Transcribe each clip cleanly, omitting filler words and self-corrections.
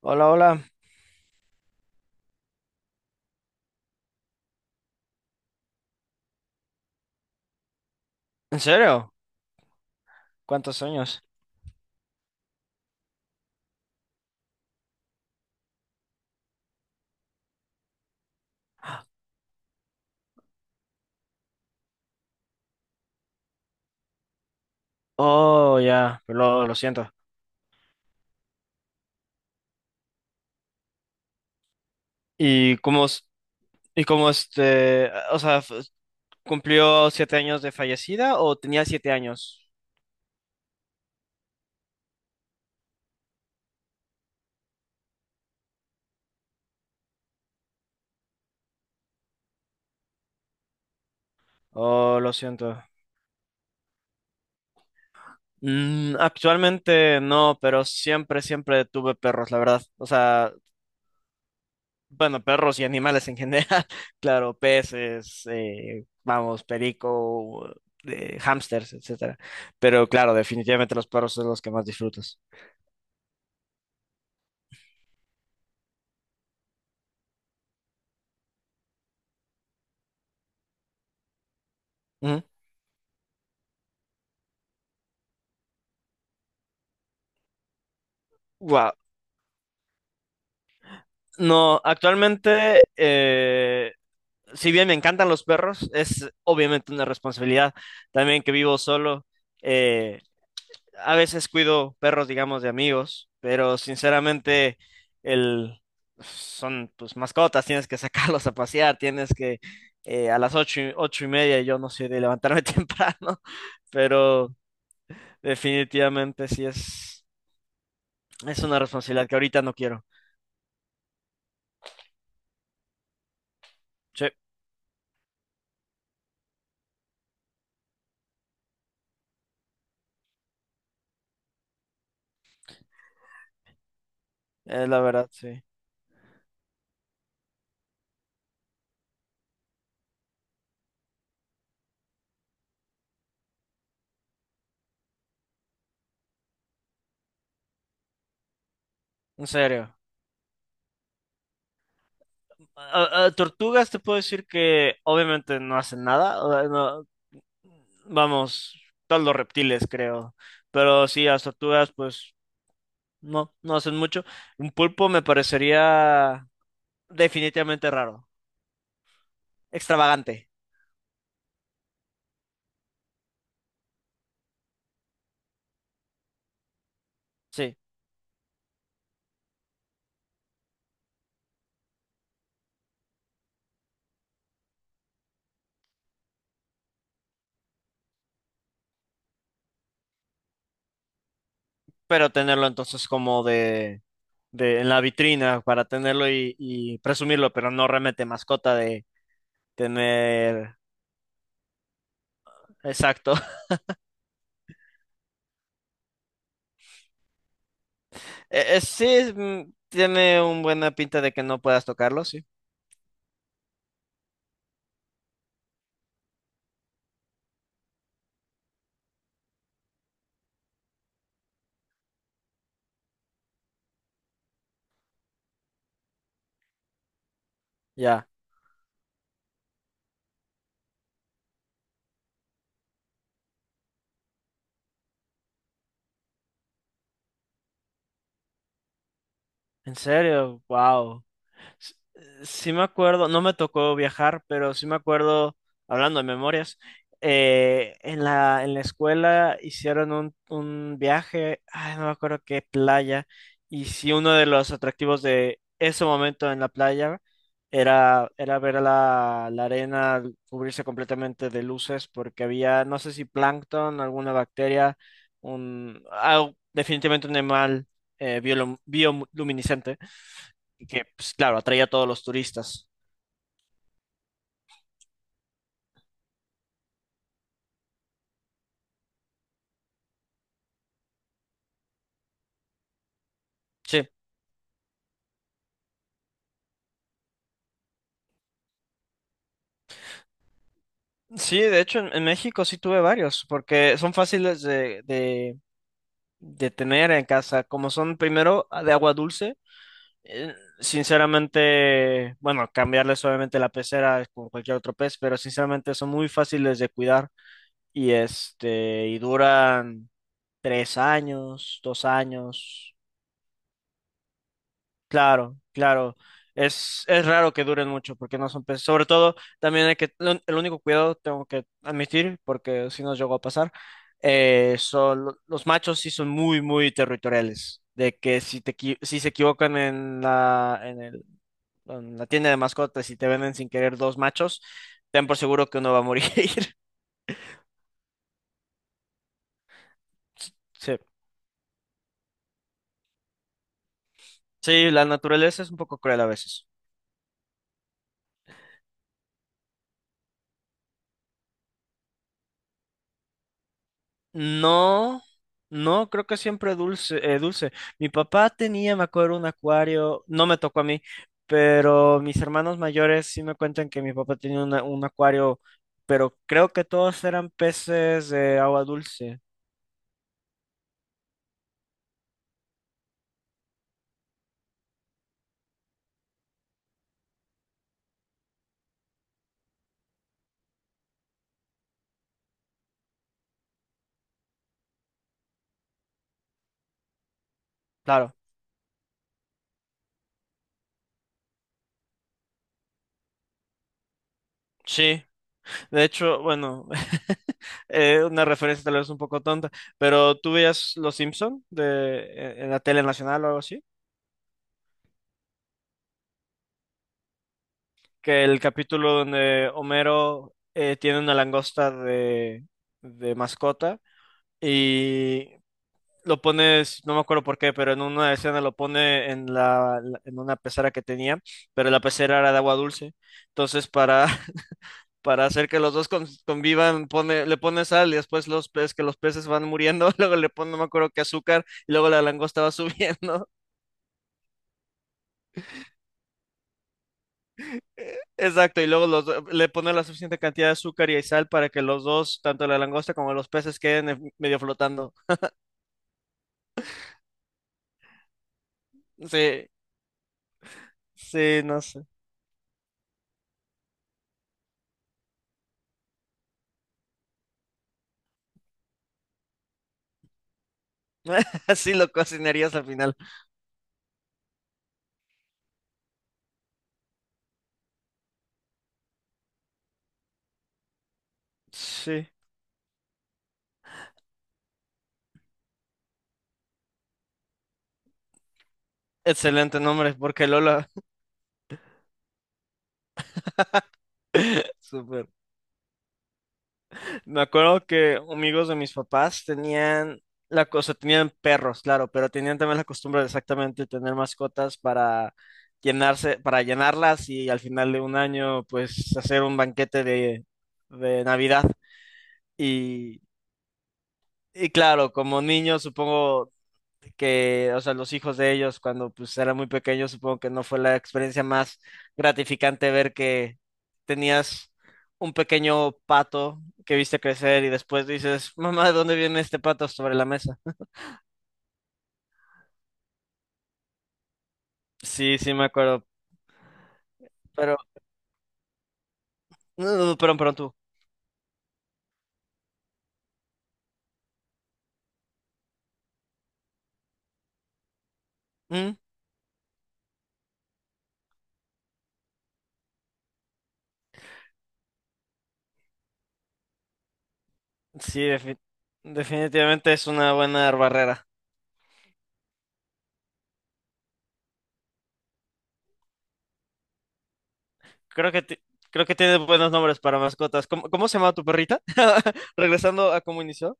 Hola, hola. ¿En serio? ¿Cuántos años? Oh, ya, lo siento. ¿Y cómo, es- y cómo este, o sea, cumplió 7 años de fallecida o tenía 7 años? Oh, lo siento. Actualmente no, pero siempre tuve perros, la verdad. O sea, bueno, perros y animales en general. Claro, peces, vamos, perico, hámsters, etcétera. Pero claro, definitivamente los perros son los que más disfrutas. Wow. No, actualmente, si bien me encantan los perros, es obviamente una responsabilidad también que vivo solo. eh, a veces cuido perros, digamos, de amigos, pero sinceramente el, son pues mascotas, tienes que sacarlos a pasear, tienes que a las 8, 8:30, yo no soy de levantarme temprano, pero definitivamente sí es una responsabilidad que ahorita no quiero. Sí, es la verdad, sí. En serio. A tortugas te puedo decir que obviamente no hacen nada. O sea, vamos, todos los reptiles creo. Pero sí, las tortugas pues no, no hacen mucho. Un pulpo me parecería definitivamente raro, extravagante, sí. Pero tenerlo entonces como de en la vitrina para tenerlo y presumirlo, pero no realmente mascota de tener. Exacto. Sí, tiene un buena pinta de que no puedas tocarlo, sí. Ya. En serio, wow. Sí me acuerdo, no me tocó viajar, pero sí me acuerdo, hablando de memorias, en la escuela hicieron un viaje, ay, no me acuerdo qué playa, y sí uno de los atractivos de ese momento en la playa era ver la arena cubrirse completamente de luces porque había, no sé si plancton, alguna bacteria, definitivamente un animal bioluminiscente y que, pues, claro, atrae a todos los turistas. Sí. Sí, de hecho en México sí tuve varios, porque son fáciles de tener en casa, como son primero de agua dulce, eh, sinceramente, bueno, cambiarles obviamente la pecera con cualquier otro pez, pero sinceramente son muy fáciles de cuidar y este, y duran 3 años, 2 años. Claro, claro. Es raro que duren mucho porque no son peces. Sobre todo, también el único cuidado tengo que admitir, porque si nos llegó a pasar, los machos sí son muy, muy territoriales. De que si se equivocan en la tienda de mascotas y te venden sin querer dos machos, ten por seguro que uno va a morir. Sí, sí, la naturaleza es un poco cruel a veces. No, no, creo que siempre dulce, dulce. Mi papá tenía, me acuerdo, un acuario, no me tocó a mí, pero mis hermanos mayores sí me cuentan que mi papá tenía un acuario, pero creo que todos eran peces de agua dulce. Claro, sí. De hecho, bueno, una referencia tal vez un poco tonta, pero ¿tú veías Los Simpson de, en la tele nacional o algo así? Que el capítulo donde Homero tiene una langosta de mascota y lo pones, no me acuerdo por qué, pero en una escena lo pone en una pecera que tenía, pero la pecera era de agua dulce. Entonces, para hacer que los dos convivan, le pone sal y después los peces, que los peces van muriendo, luego le pone, no me acuerdo qué azúcar y luego la langosta va subiendo. Exacto, y luego le ponen la suficiente cantidad de azúcar y sal para que los dos, tanto la langosta como los peces, queden medio flotando. Sí, sí, no sé. Así lo cocinarías al final. Sí, excelente nombre, porque Lola, súper. Me acuerdo que amigos de mis papás tenían la cosa, tenían perros, claro, pero tenían también la costumbre de exactamente tener mascotas para llenarse, para llenarlas y al final de un año, pues hacer un banquete de Navidad. Y, y claro, como niños supongo que, o sea, los hijos de ellos cuando pues eran muy pequeños, supongo que no fue la experiencia más gratificante ver que tenías un pequeño pato que viste crecer y después dices, mamá, ¿de dónde viene este pato sobre la mesa? Sí, sí, me acuerdo, pero, no, pero tú. ¿Mm? Sí, definitivamente es una buena barrera. Creo que, ti- creo que tiene buenos nombres para mascotas. ¿Cómo se llama tu perrita? Regresando a cómo inició.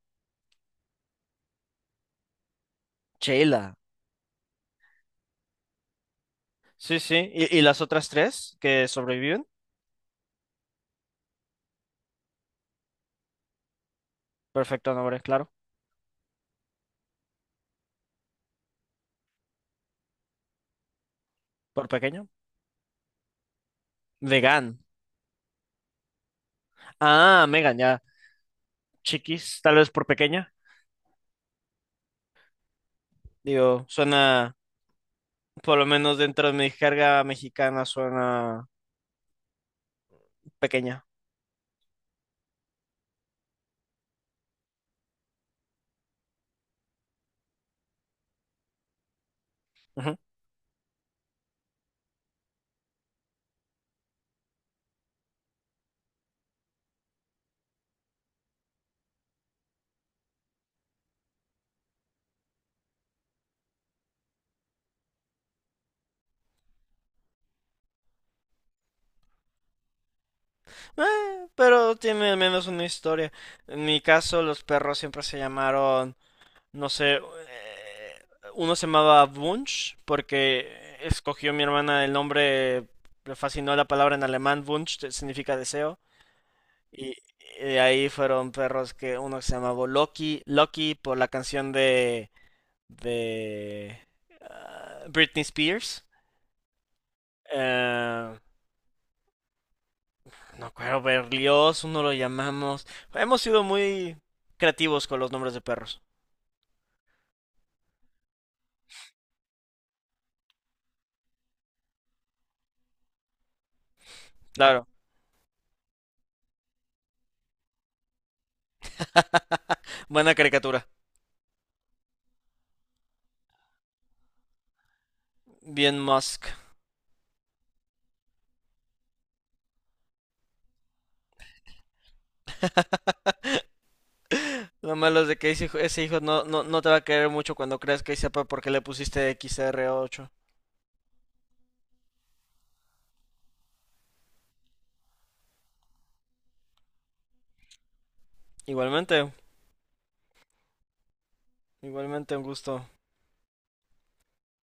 Sheila. Sí, sí. ¿Y las otras 3 que sobreviven? Perfecto nombre, claro. Por pequeño. Vegan. Ah, Megan, ya. Chiquis, tal vez por pequeña. Digo, suena, por lo menos dentro de mi jerga mexicana, suena pequeña. Ujú. Pero tiene al menos una historia. En mi caso, los perros siempre se llamaron no sé, uno se llamaba Wunsch porque escogió mi hermana el nombre, le fascinó la palabra en alemán, Wunsch significa deseo, y, y de ahí fueron perros que uno se llamaba Loki, Loki por la canción de Britney Spears. Eh, no acuerdo, Berlioz, uno lo llamamos. Hemos sido muy creativos con los nombres de perros. Claro, buena caricatura. Bien Musk. Lo malo es de que ese hijo no, no, no te va a querer mucho cuando creas que sepa por qué le pusiste xr ocho. Igualmente, igualmente un gusto.